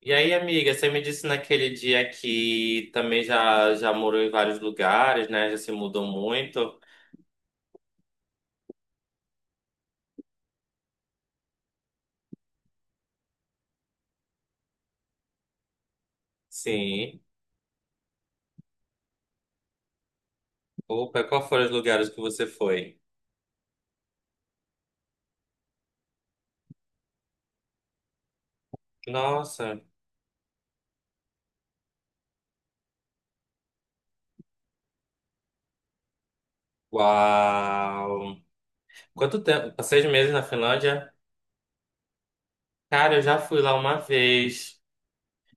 E aí, amiga, você me disse naquele dia que também já morou em vários lugares, né? Já se mudou muito. Sim. Opa, qual foram os lugares que você foi? Nossa, uau! Quanto tempo? Seis meses na Finlândia? Cara, eu já fui lá uma vez.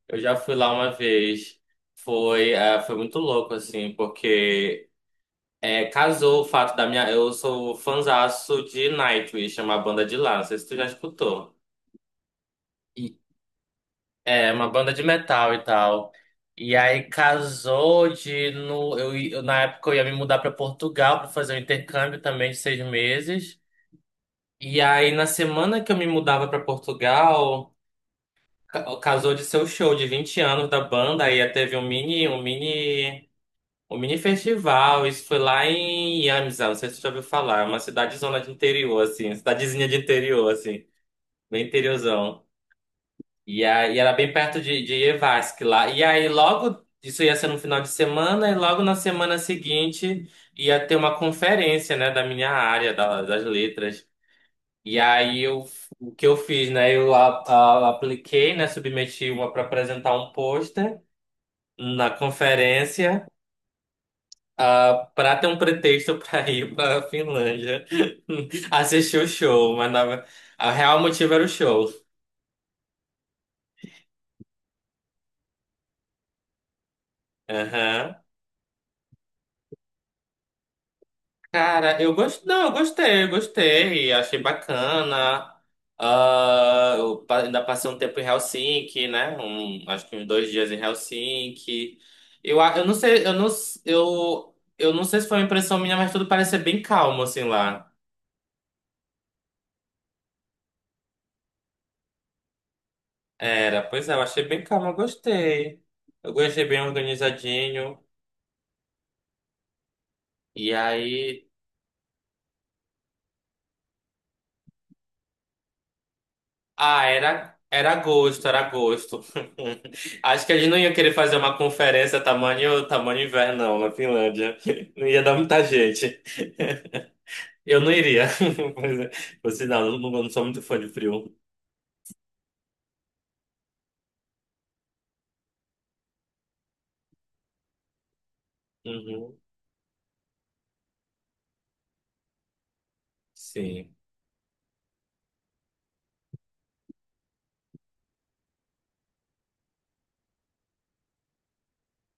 Eu já fui lá uma vez. Foi, foi muito louco, assim, porque casou o fato da minha. Eu sou fãzaço de Nightwish, é uma banda de lá. Não sei se tu já escutou. É, uma banda de metal e tal. E aí casou de no, na época eu ia me mudar para Portugal para fazer um intercâmbio também de seis meses. E aí na semana que eu me mudava para Portugal, casou de ser o show de 20 anos da banda. Aí teve um mini festival. Isso foi lá em Iamizá, não sei se você já ouviu falar, é uma cidadezona de interior assim, cidadezinha de interior assim, bem interiorzão. E aí era bem perto de Evansque lá. E aí logo, isso ia ser no final de semana, e logo na semana seguinte ia ter uma conferência, né, da minha área, das letras. E aí eu, o que eu fiz, né, eu apliquei, né, submeti uma para apresentar um pôster na conferência. Para ter um pretexto para ir para a Finlândia assistir o show, o real motivo era o show. Aham. Cara, eu gostei. Não, eu gostei, eu gostei. Achei bacana. Ah, ainda passei um tempo em Helsinki, né? Um, acho que uns dois dias em Helsinki. Eu, a- eu não sei, eu não, s- eu não sei se foi uma impressão minha, mas tudo parecia bem calmo, assim, lá. Era, pois é, eu achei bem calmo, eu gostei. Eu gostei bem organizadinho. E aí. Ah, era agosto, era agosto. Acho que a gente não ia querer fazer uma conferência tamanho inverno, não, na Finlândia. Não ia dar muita gente. Eu não iria. Pois é. Por sinal, eu não, não sou muito fã de frio. Uhum. Sim.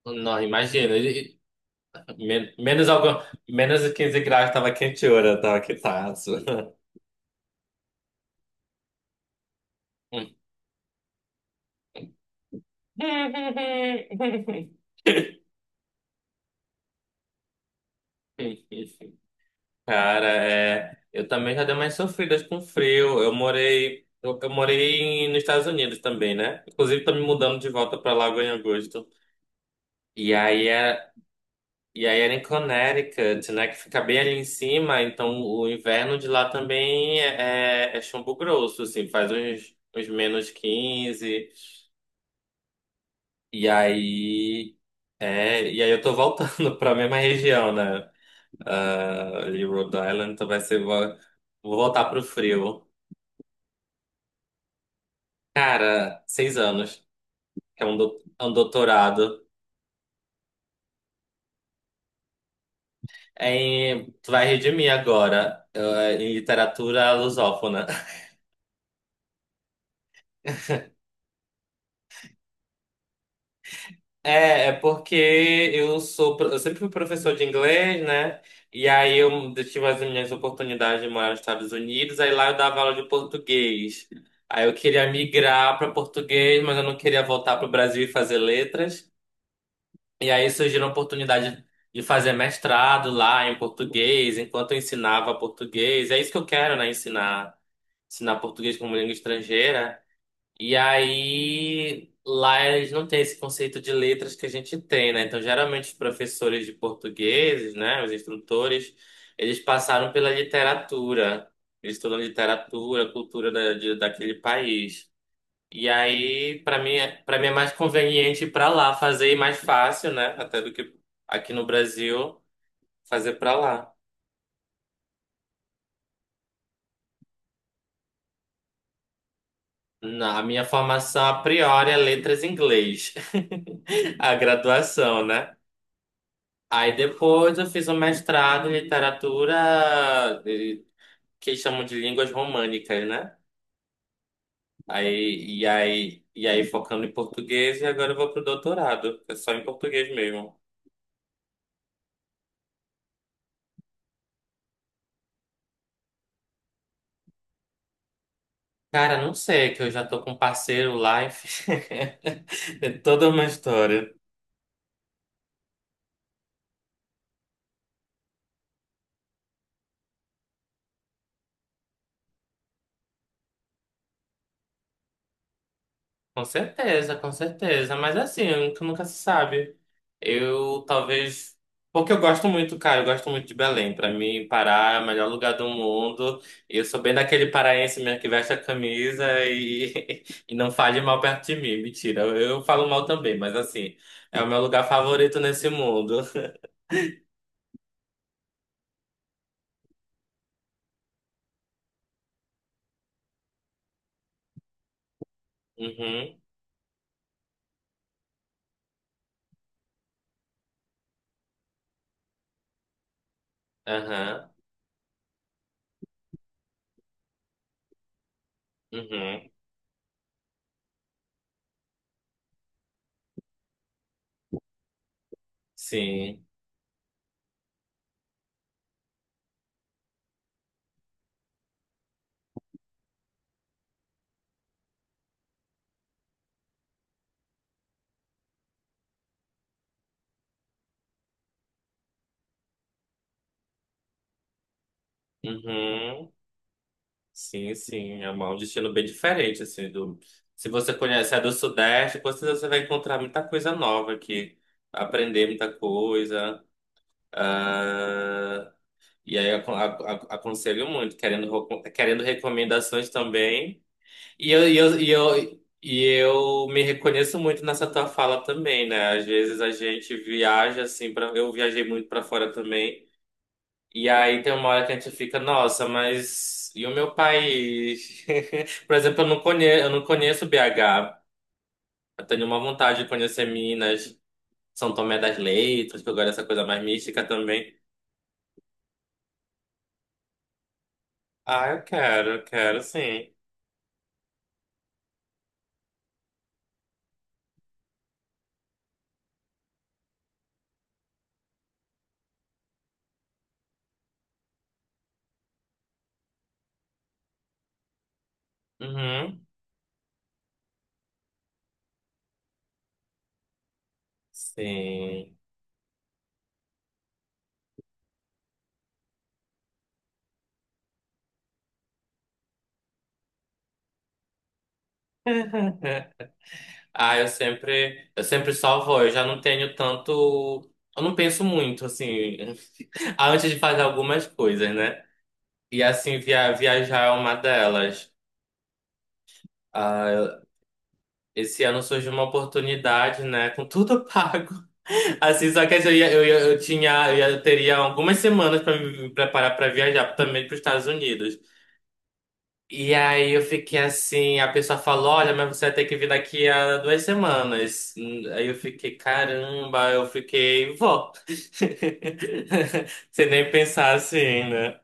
Não, imagina. Menos, algum, menos de quinze graus tava quente hora, tava quitaço. Cara, é, eu também já dei umas sofridas com frio. Eu morei, eu morei nos Estados Unidos também, né? Inclusive, tô me mudando de volta pra lá agora em agosto. E aí, é, e aí era em Connecticut, né? Que fica bem ali em cima. Então, o inverno de lá também é chumbo grosso, assim. Faz uns menos quinze. E aí... É, e aí eu tô voltando pra mesma região, né? Ah, ali, Rhode Island. Então vai ser... vou voltar pro frio. Cara, seis anos, é um, é um doutorado. Em, tu vai rir de mim agora, em literatura lusófona. É, é porque eu sou, eu sempre fui professor de inglês, né? E aí eu tive as minhas oportunidades de morar nos Estados Unidos, aí lá eu dava aula de português. Aí eu queria migrar para português, mas eu não queria voltar para o Brasil e fazer letras. E aí surgiu a oportunidade de fazer mestrado lá em português, enquanto eu ensinava português. É isso que eu quero, né? Ensinar português como língua estrangeira. E aí lá eles não têm esse conceito de letras que a gente tem, né? Então, geralmente os professores de português, né, os instrutores, eles passaram pela literatura. Eles estudam literatura, cultura daquele país. E aí, pra mim, para mim é mais conveniente ir pra lá fazer e mais fácil, né? Até do que aqui no Brasil fazer pra lá. Na a minha formação a priori é letras em inglês, a graduação, né? Aí depois eu fiz um mestrado em literatura que eles chamam de línguas românicas, né? E aí focando em português e agora eu vou pro doutorado, é só em português mesmo. Cara, não sei, que eu já tô com um parceiro lá, enfim. É toda uma história. Com certeza, com certeza. Mas assim, nunca, nunca se sabe. Eu talvez. Porque eu gosto muito, cara, eu gosto muito de Belém. Pra mim, Pará é o melhor lugar do mundo. E eu sou bem daquele paraense mesmo que veste a camisa e, e não fale mal perto de mim. Mentira, eu falo mal também, mas assim, é o meu lugar favorito nesse mundo. Uhum, aham, uhum, sim, uhum. Sim, sim, é um destino bem diferente, assim, do... Se você conhece a do Sudeste, com certeza você vai encontrar muita coisa nova aqui, aprender muita coisa, ah, e aí aconselho muito, querendo, querendo recomendações também, e eu me reconheço muito nessa tua fala também, né? Às vezes a gente viaja, assim, pra... eu viajei muito para fora também, e aí tem uma hora que a gente fica, nossa, mas e o meu país? Por exemplo, eu não conheço BH. Eu tenho uma vontade de conhecer Minas, São Tomé das Letras, que eu gosto dessa coisa mais mística também. Ah, eu quero, sim. Uhum, sim. Ah, eu sempre só vou, eu já não tenho tanto, eu não penso muito, assim, antes de fazer algumas coisas, né? E assim, viajar é uma delas. Ah, esse ano surgiu uma oportunidade, né? Com tudo pago. Assim, só que eu ia, eu ia- eu tinha, eu ia- eu teria algumas semanas para me preparar para viajar também para os Estados Unidos. E aí eu fiquei assim, a pessoa falou, olha, mas você vai ter que vir daqui a duas semanas. Aí eu fiquei, caramba, eu fiquei, vou. Sem nem pensar assim, né?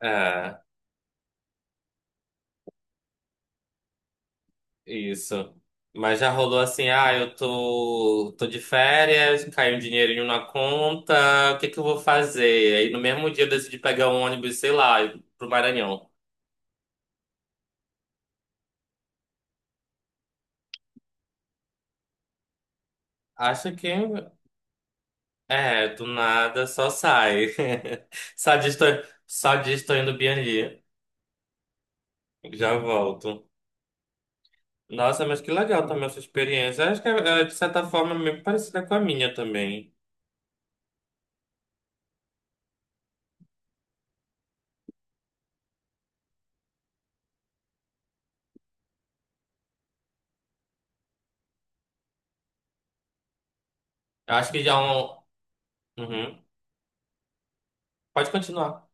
É. Isso. Mas já rolou assim, ah, tô de férias, caiu um dinheirinho na conta, o que que eu vou fazer? Aí no mesmo dia eu decidi pegar um ônibus, sei lá, pro Maranhão. Acho que é, do nada só sai. Só diz, tô, só diz tô indo Bianli. Já volto. Nossa, mas que legal também essa experiência. Acho que é de certa forma meio parecida com a minha também. Eu acho que já é um. Uhum. Pode continuar.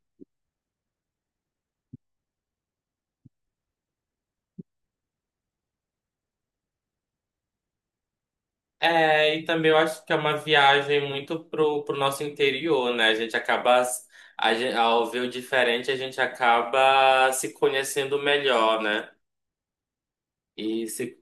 É, e também eu acho que é uma viagem muito pro nosso interior, né? A gente acaba, s- a gen- ao ver o diferente, a gente acaba se conhecendo melhor, né? E se...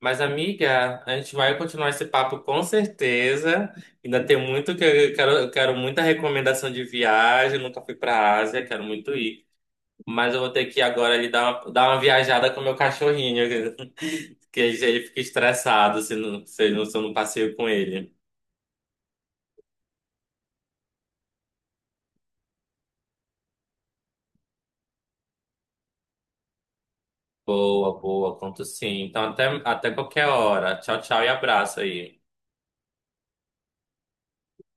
Mas, amiga, a gente vai continuar esse papo com certeza. Ainda tem muito que eu quero muita recomendação de viagem. Nunca fui pra Ásia, quero muito ir. Mas eu vou ter que ir agora ali dar uma viajada com o meu cachorrinho, que ele fica estressado se, não, se, eu não, se eu não passeio com ele. Boa, boa, conto sim. Então até qualquer hora. Tchau, tchau e abraço aí.